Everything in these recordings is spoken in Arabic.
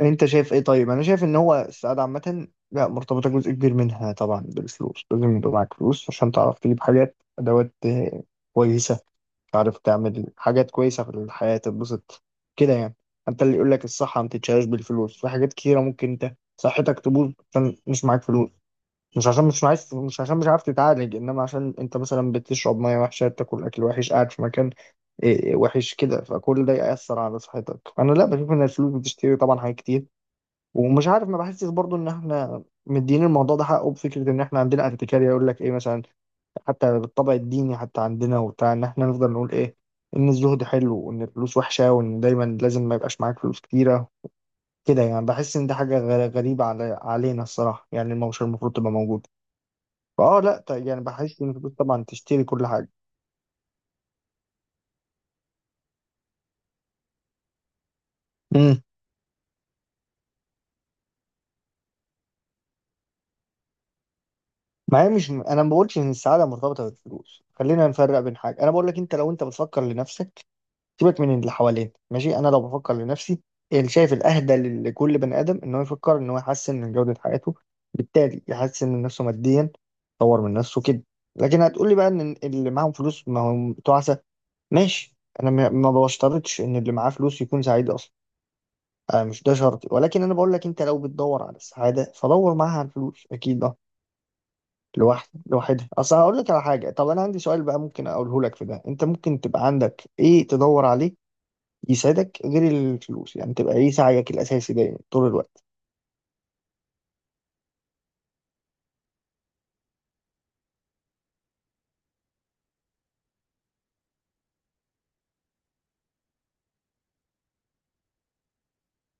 انت شايف ايه؟ طيب انا شايف ان هو السعاده عامه لا مرتبطه، جزء كبير منها طبعا بالفلوس. لازم يبقى معاك فلوس عشان تعرف تجيب حاجات، ادوات كويسه، تعرف تعمل حاجات كويسه في الحياه، تتبسط كده يعني. انت اللي يقول لك الصحه ما تتشالش بالفلوس، في حاجات كتيره ممكن انت صحتك تبوظ عشان مش معاك فلوس. مش عشان مش عايز، مش عشان مش عارف تتعالج، انما عشان انت مثلا بتشرب ميه وحشه، بتاكل اكل وحش، قاعد في مكان وحش كده، فكل ده يأثر على صحتك. انا لا، بشوف ان الفلوس بتشتري طبعا حاجات كتير. ومش عارف، ما بحسش برضو ان احنا مدين الموضوع ده حقه، بفكره ان احنا عندنا اتكاليه، يقول لك ايه مثلا حتى بالطبع الديني حتى عندنا وبتاع، ان احنا نفضل نقول ايه، ان الزهد حلو وان الفلوس وحشه وان دايما لازم ما يبقاش معاك فلوس كتيره. كده يعني بحس ان ده حاجه غريبه على علينا الصراحه، يعني مش المفروض تبقى موجوده. فاه لا يعني بحس ان الفلوس طبعا تشتري كل حاجه. امم. ما هي مش انا ما بقولش ان السعاده مرتبطه بالفلوس، خلينا نفرق بين حاجه. انا بقول لك انت لو انت بتفكر لنفسك، سيبك من اللي حوالين، ماشي؟ انا لو بفكر لنفسي، اللي شايف الاهدى لكل بني ادم ان هو يفكر ان هو يحسن من جوده حياته، بالتالي يحسن من نفسه ماديا، يطور من نفسه كده. لكن هتقول لي بقى ان اللي معاهم فلوس ما هم تعسه، ماشي. انا ما بشترطش ان اللي معاه فلوس يكون سعيد اصلا، أنا مش ده شرطي. ولكن انا بقول لك انت لو بتدور على السعاده فدور معاها على الفلوس اكيد. اه، لوحد لوحدها اصل، هقول لك على حاجه. طب انا عندي سؤال بقى ممكن اقوله لك في ده، انت ممكن تبقى عندك ايه تدور عليه يسعدك غير الفلوس؟ يعني تبقى ايه سعيك الاساسي دايما طول الوقت؟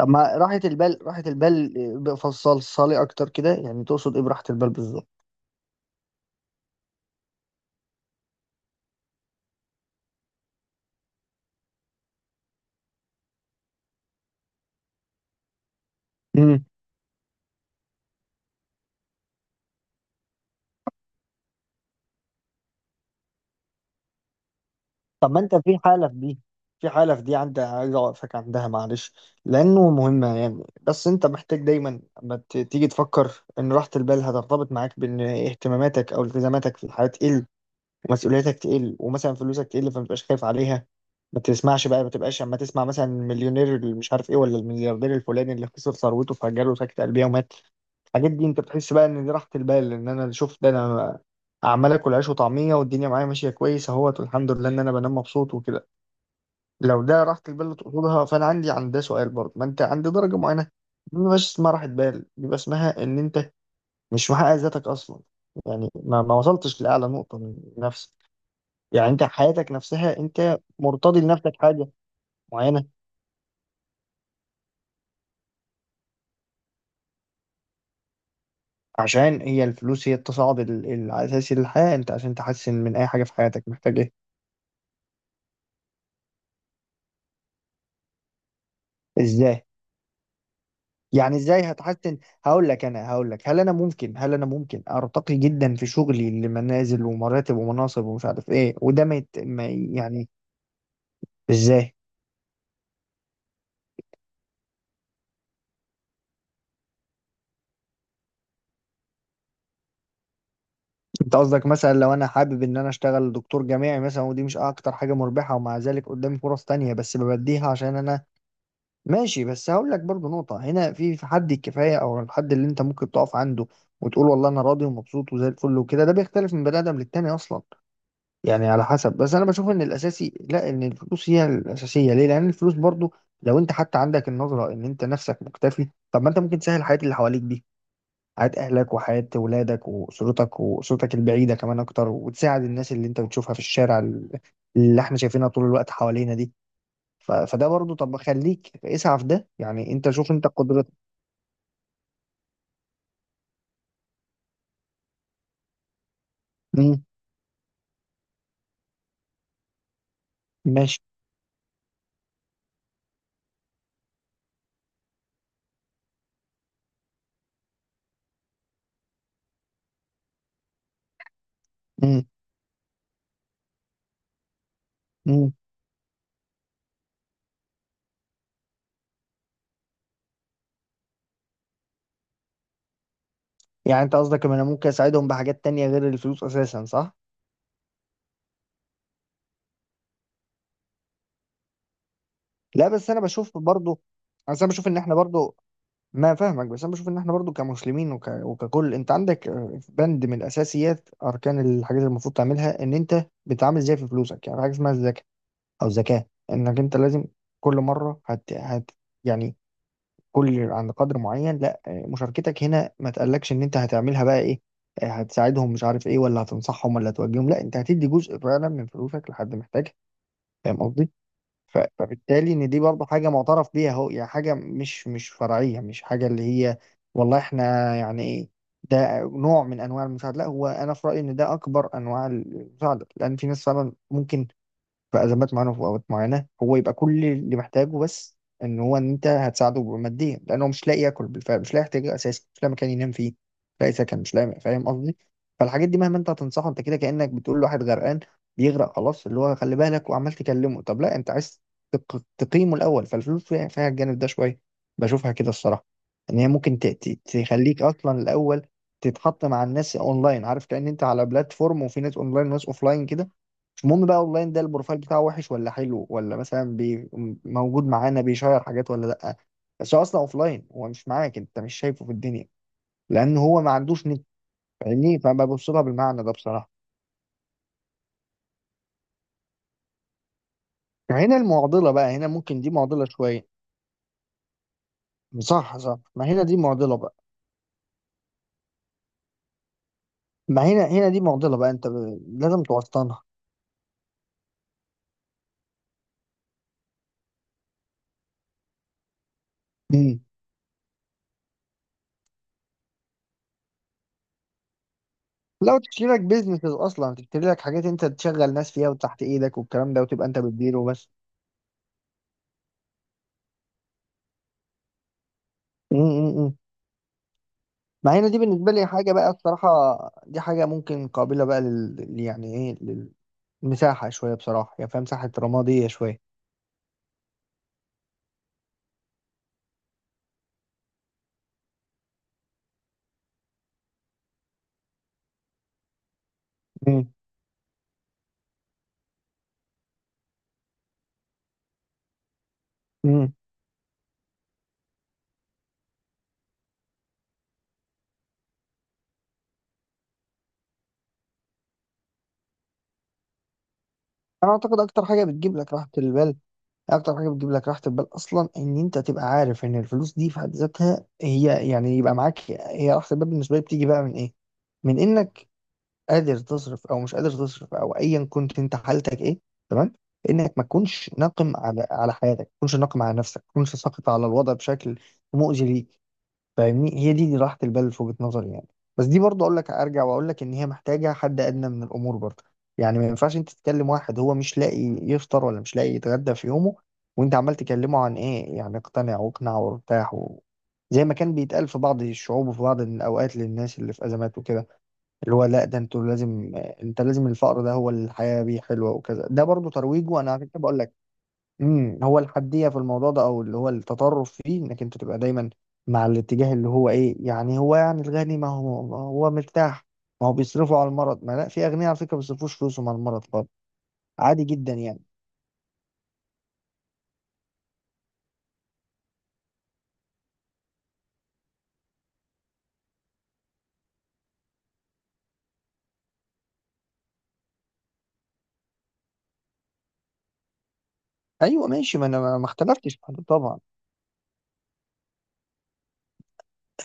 اما راحة البال، راحة البال فصل صالي اكتر كده، يعني تقصد ايه براحة البال بالظبط؟ امم. طب ما انت في حالة في دي، في حالة في دي عندك، عايز اوقفك عندها معلش لانه مهمة يعني. بس انت محتاج دايما اما تيجي تفكر ان راحة البال هترتبط معاك بان اهتماماتك او التزاماتك في الحياة تقل، ومسؤوليتك تقل، ومثلا فلوسك تقل فما تبقاش خايف عليها. ما تسمعش بقى، ما تبقاش اما تسمع مثلا المليونير اللي مش عارف ايه ولا الملياردير الفلاني اللي خسر ثروته فجاله سكتة قلبية ومات. الحاجات دي انت بتحس بقى ان دي راحة البال، ان انا شوف ده، انا عمال اكل عيش وطعمية والدنيا معايا ماشية كويس اهوت والحمد لله ان انا بنام مبسوط وكده. لو ده راحة البال اللي تقصدها فانا عندي عند ده سؤال برضه. ما انت عند درجة معينة دي ما بيبقاش اسمها راحة بال، بيبقى اسمها ان انت مش محقق ذاتك اصلا. يعني ما وصلتش لأعلى نقطة من نفسك، يعني انت حياتك نفسها انت مرتضي لنفسك حاجة معينة. عشان هي الفلوس هي التصاعد الاساسي للحياة، انت عشان تحسن من اي حاجة في حياتك محتاج ايه؟ ازاي؟ يعني ازاي هتحسن؟ هقول لك، انا هقول لك، هل انا ممكن، هل انا ممكن ارتقي جدا في شغلي لمنازل ومراتب ومناصب ومش عارف ايه، وده ما يت- ما ي- يعني ازاي؟ انت قصدك مثلا لو انا حابب ان انا اشتغل دكتور جامعي مثلا، ودي مش اكتر حاجة مربحة، ومع ذلك قدامي فرص تانية بس ببديها عشان انا ماشي. بس هقول لك برضو نقطة هنا، في في حد الكفاية أو الحد اللي أنت ممكن تقف عنده وتقول والله أنا راضي ومبسوط وزي الفل وكده، ده بيختلف من بني آدم للتاني أصلا، يعني على حسب. بس أنا بشوف إن الأساسي، لا إن الفلوس هي الأساسية، ليه؟ لأن الفلوس برضو لو أنت حتى عندك النظرة إن أنت نفسك مكتفي، طب ما أنت ممكن تسهل حياة اللي حواليك دي، حياة أهلك وحياة ولادك وأسرتك وأسرتك البعيدة كمان أكتر، وتساعد الناس اللي أنت بتشوفها في الشارع، اللي إحنا شايفينها طول الوقت حوالينا دي. فده برضو، طب ما خليك اسعى في ده يعني، انت شوف انت قدرتك. مم. ماشي. مم. مم. يعني انت قصدك ان انا ممكن اساعدهم بحاجات تانية غير الفلوس اساسا، صح؟ لا بس انا بشوف برضو، بس انا بشوف ان احنا برضو، ما فاهمك، بس انا بشوف ان احنا برضو كمسلمين وككل، انت عندك بند من اساسيات اركان الحاجات اللي المفروض تعملها ان انت بتتعامل ازاي في فلوسك، يعني حاجه اسمها الزكاه، او زكاه، انك انت لازم كل مره يعني كل عند قدر معين لا مشاركتك هنا ما تقلقش ان انت هتعملها بقى ايه، هتساعدهم مش عارف ايه، ولا هتنصحهم، ولا هتوجههم، لا انت هتدي جزء فعلا من فلوسك لحد محتاجها، فاهم قصدي؟ فبالتالي ان دي برضه حاجه معترف بيها اهو، يعني حاجه مش فرعيه، مش حاجه اللي هي والله احنا يعني ايه. ده نوع من انواع المساعده، لا هو انا في رايي ان ده اكبر انواع المساعده، لان في ناس فعلا ممكن في ازمات معينه وفي اوقات معينه هو يبقى كل اللي محتاجه بس ان هو ان انت هتساعده ماديا، لان هو مش لاقي ياكل بالفعل، مش لاقي يحتاجه اساسا، مش لاقي مكان ينام فيه، مش لاقي سكن، مش لاقي، فاهم قصدي؟ فالحاجات دي مهما انت هتنصحه، انت كده كانك بتقول لواحد غرقان بيغرق خلاص، اللي هو خلي بالك، وعمال تكلمه، طب لا انت عايز تقيمه الاول. فالفلوس فيها، فيها الجانب ده شويه، بشوفها كده الصراحه. ان هي ممكن تخليك اصلا الاول تتحط مع الناس اونلاين، عارف كأن انت على بلاتفورم وفي ناس اونلاين وناس اوفلاين كده، مش مهم بقى اونلاين ده البروفايل بتاعه وحش ولا حلو ولا مثلا بي موجود معانا بيشير حاجات ولا لا، بس هو اصلا اوفلاين، هو مش معاك، انت مش شايفه في الدنيا لان هو ما عندوش نت، فاهمني؟ فببص لها بالمعنى ده بصراحه. يعني هنا المعضله بقى، هنا ممكن دي معضله شويه. صح صح، ما هنا دي معضله بقى، ما هنا هنا دي معضله بقى. لازم توسطنها. مم. لو تشتري لك بيزنس اصلا، تشتري لك حاجات انت تشغل ناس فيها وتحت ايدك والكلام ده وتبقى انت بتديره بس. مم. مم. ما هنا دي بالنسبة لي حاجة بقى الصراحة، دي حاجة ممكن قابلة بقى يعني ايه، للمساحة شوية بصراحة يعني، فاهم؟ مساحة رمادية شوية. مم. مم. انا اعتقد اكتر حاجة بتجيب لك راحة البال، اكتر حاجة بتجيب لك راحة البال اصلا ان انت تبقى عارف ان الفلوس دي في حد ذاتها هي يعني يبقى معاك، هي راحة البال بالنسبة لي بتيجي بقى من ايه؟ من انك قادر تصرف او مش قادر تصرف او ايا كنت انت حالتك ايه، تمام، انك ما تكونش ناقم على حياتك، ما تكونش ناقم على نفسك، ما تكونش ساخط على الوضع بشكل مؤذي ليك، فاهمني؟ هي دي راحة البال في وجهة نظري يعني. بس دي برضه اقول لك، ارجع واقول لك ان هي محتاجة حد ادنى من الامور برضه. يعني ما ينفعش انت تتكلم واحد هو مش لاقي يفطر ولا مش لاقي يتغدى في يومه، وانت عمال تكلمه عن ايه، يعني اقتنع واقنع وارتاح زي ما كان بيتقال في بعض الشعوب وفي بعض الاوقات للناس اللي في ازمات وكده، اللي هو لا ده انتوا لازم، انت لازم الفقر ده هو الحياة بيه حلوة وكذا، ده برضو ترويجه. انا عشان كده بقول لك، امم، هو الحدية في الموضوع ده او اللي هو التطرف فيه انك انت تبقى دايما مع الاتجاه اللي هو ايه، يعني هو، يعني الغني ما هو مرتاح، ما هو بيصرفوا على المرض، ما لا، في اغنياء على فكرة ما بيصرفوش فلوسهم على المرض خالص، عادي جدا يعني. ايوه ماشي، ما انا ما اختلفتش في حد طبعا.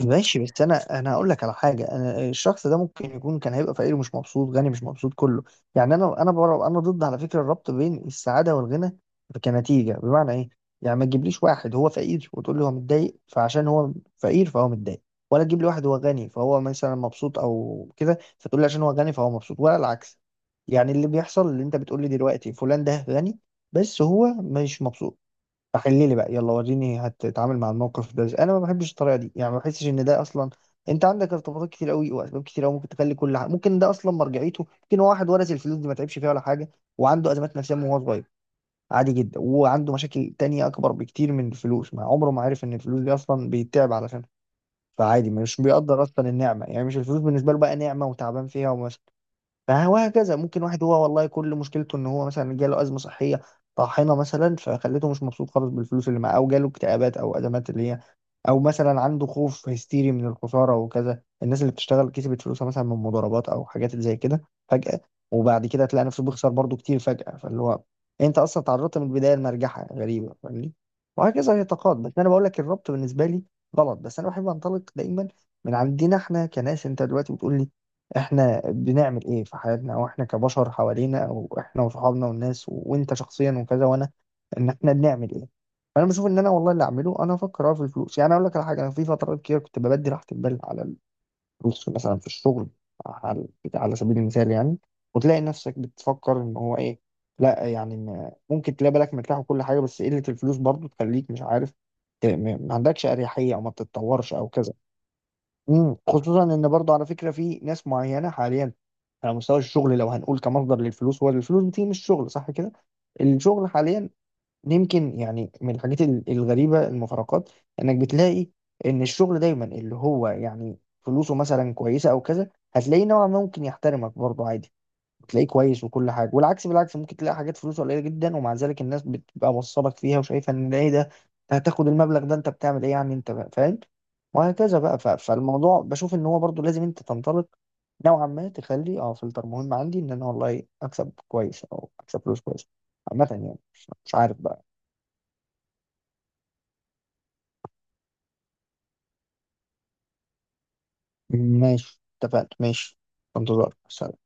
ماشي بس انا هقول لك على حاجه، انا الشخص ده ممكن يكون كان هيبقى فقير ومش مبسوط، غني مش مبسوط، كله يعني. انا بره، انا ضد على فكره الربط بين السعاده والغنى كنتيجه. بمعنى ايه؟ يعني ما تجيبليش واحد هو فقير وتقول لي هو متضايق فعشان هو فقير فهو متضايق، ولا تجيب لي واحد هو غني فهو مثلا مبسوط او كده فتقول لي عشان هو غني فهو مبسوط، ولا العكس. يعني اللي بيحصل اللي انت بتقول لي دلوقتي، فلان ده غني بس هو مش مبسوط، فخلي لي بقى يلا وريني هتتعامل مع الموقف ده ازاي. انا ما بحبش الطريقه دي يعني، ما بحسش ان ده اصلا، انت عندك ارتباطات كتير قوي واسباب كتير قوي ممكن تخلي كل حاجه، ممكن ده اصلا مرجعيته ممكن واحد ورث الفلوس دي ما تعبش فيها ولا حاجه، وعنده ازمات نفسيه من وهو صغير، عادي جدا، وعنده مشاكل تانية اكبر بكتير من الفلوس، ما عمره ما عرف ان الفلوس دي اصلا بيتعب علشانها، فعادي مش بيقدر اصلا النعمه، يعني مش الفلوس بالنسبه له بقى نعمه وتعبان فيها. فهكذا ممكن واحد هو والله كل مشكلته ان هو مثلا جاله ازمه صحيه طاحنه مثلا فخلته مش مبسوط خالص بالفلوس اللي معاه، او جاله اكتئابات او ازمات اللي هي، او مثلا عنده خوف هستيري من الخساره وكذا، الناس اللي بتشتغل كسبت فلوسها مثلا من مضاربات او حاجات زي كده فجاه، وبعد كده تلاقي نفسه بيخسر برضه كتير فجاه، فاللي هو انت اصلا تعرضت من البدايه لمرجحه غريبه، فاهمني؟ وهكذا يتقاد. بس انا بقول لك الربط بالنسبه لي غلط. بس انا بحب انطلق دايما من عندنا احنا كناس، انت دلوقتي بتقول لي احنا بنعمل ايه في حياتنا، او احنا كبشر حوالينا او احنا وصحابنا والناس وانت شخصيا وكذا وانا، ان احنا بنعمل ايه. فانا بشوف ان انا والله اللي اعمله، انا افكر أه في الفلوس. يعني اقول لك على حاجه، انا في فترات كتير كنت ببدي راحه البال على الفلوس، مثلا في الشغل، على على سبيل المثال يعني، وتلاقي نفسك بتفكر ان هو ايه، لا يعني ممكن تلاقي بالك مرتاح وكل حاجه بس قله الفلوس برضو تخليك مش عارف ما عندكش اريحيه او ما بتتطورش او كذا. مم. خصوصا ان برضه على فكره في ناس معينه حاليا على مستوى الشغل، لو هنقول كمصدر للفلوس هو الفلوس بتيجي من الشغل صح كده، الشغل حاليا يمكن يعني من الحاجات الغريبه المفارقات انك بتلاقي ان الشغل دايما اللي هو يعني فلوسه مثلا كويسه او كذا هتلاقيه نوعا ما ممكن يحترمك برضه عادي، تلاقيه كويس وكل حاجه، والعكس بالعكس ممكن تلاقي حاجات فلوسه قليله جدا ومع ذلك الناس بتبقى موصلك فيها وشايفه ان ايه ده، أنت هتاخد المبلغ ده انت بتعمل ايه يعني، انت بقى فاهم، وهكذا بقى. فالموضوع بشوف ان هو برضو لازم انت تنطلق نوعا ما، تخلي اه فلتر مهم عندي ان انا والله اكسب كويس او اكسب فلوس كويس عامه يعني، مش مش عارف بقى. ماشي اتفقنا، ماشي. انتظار. سلام.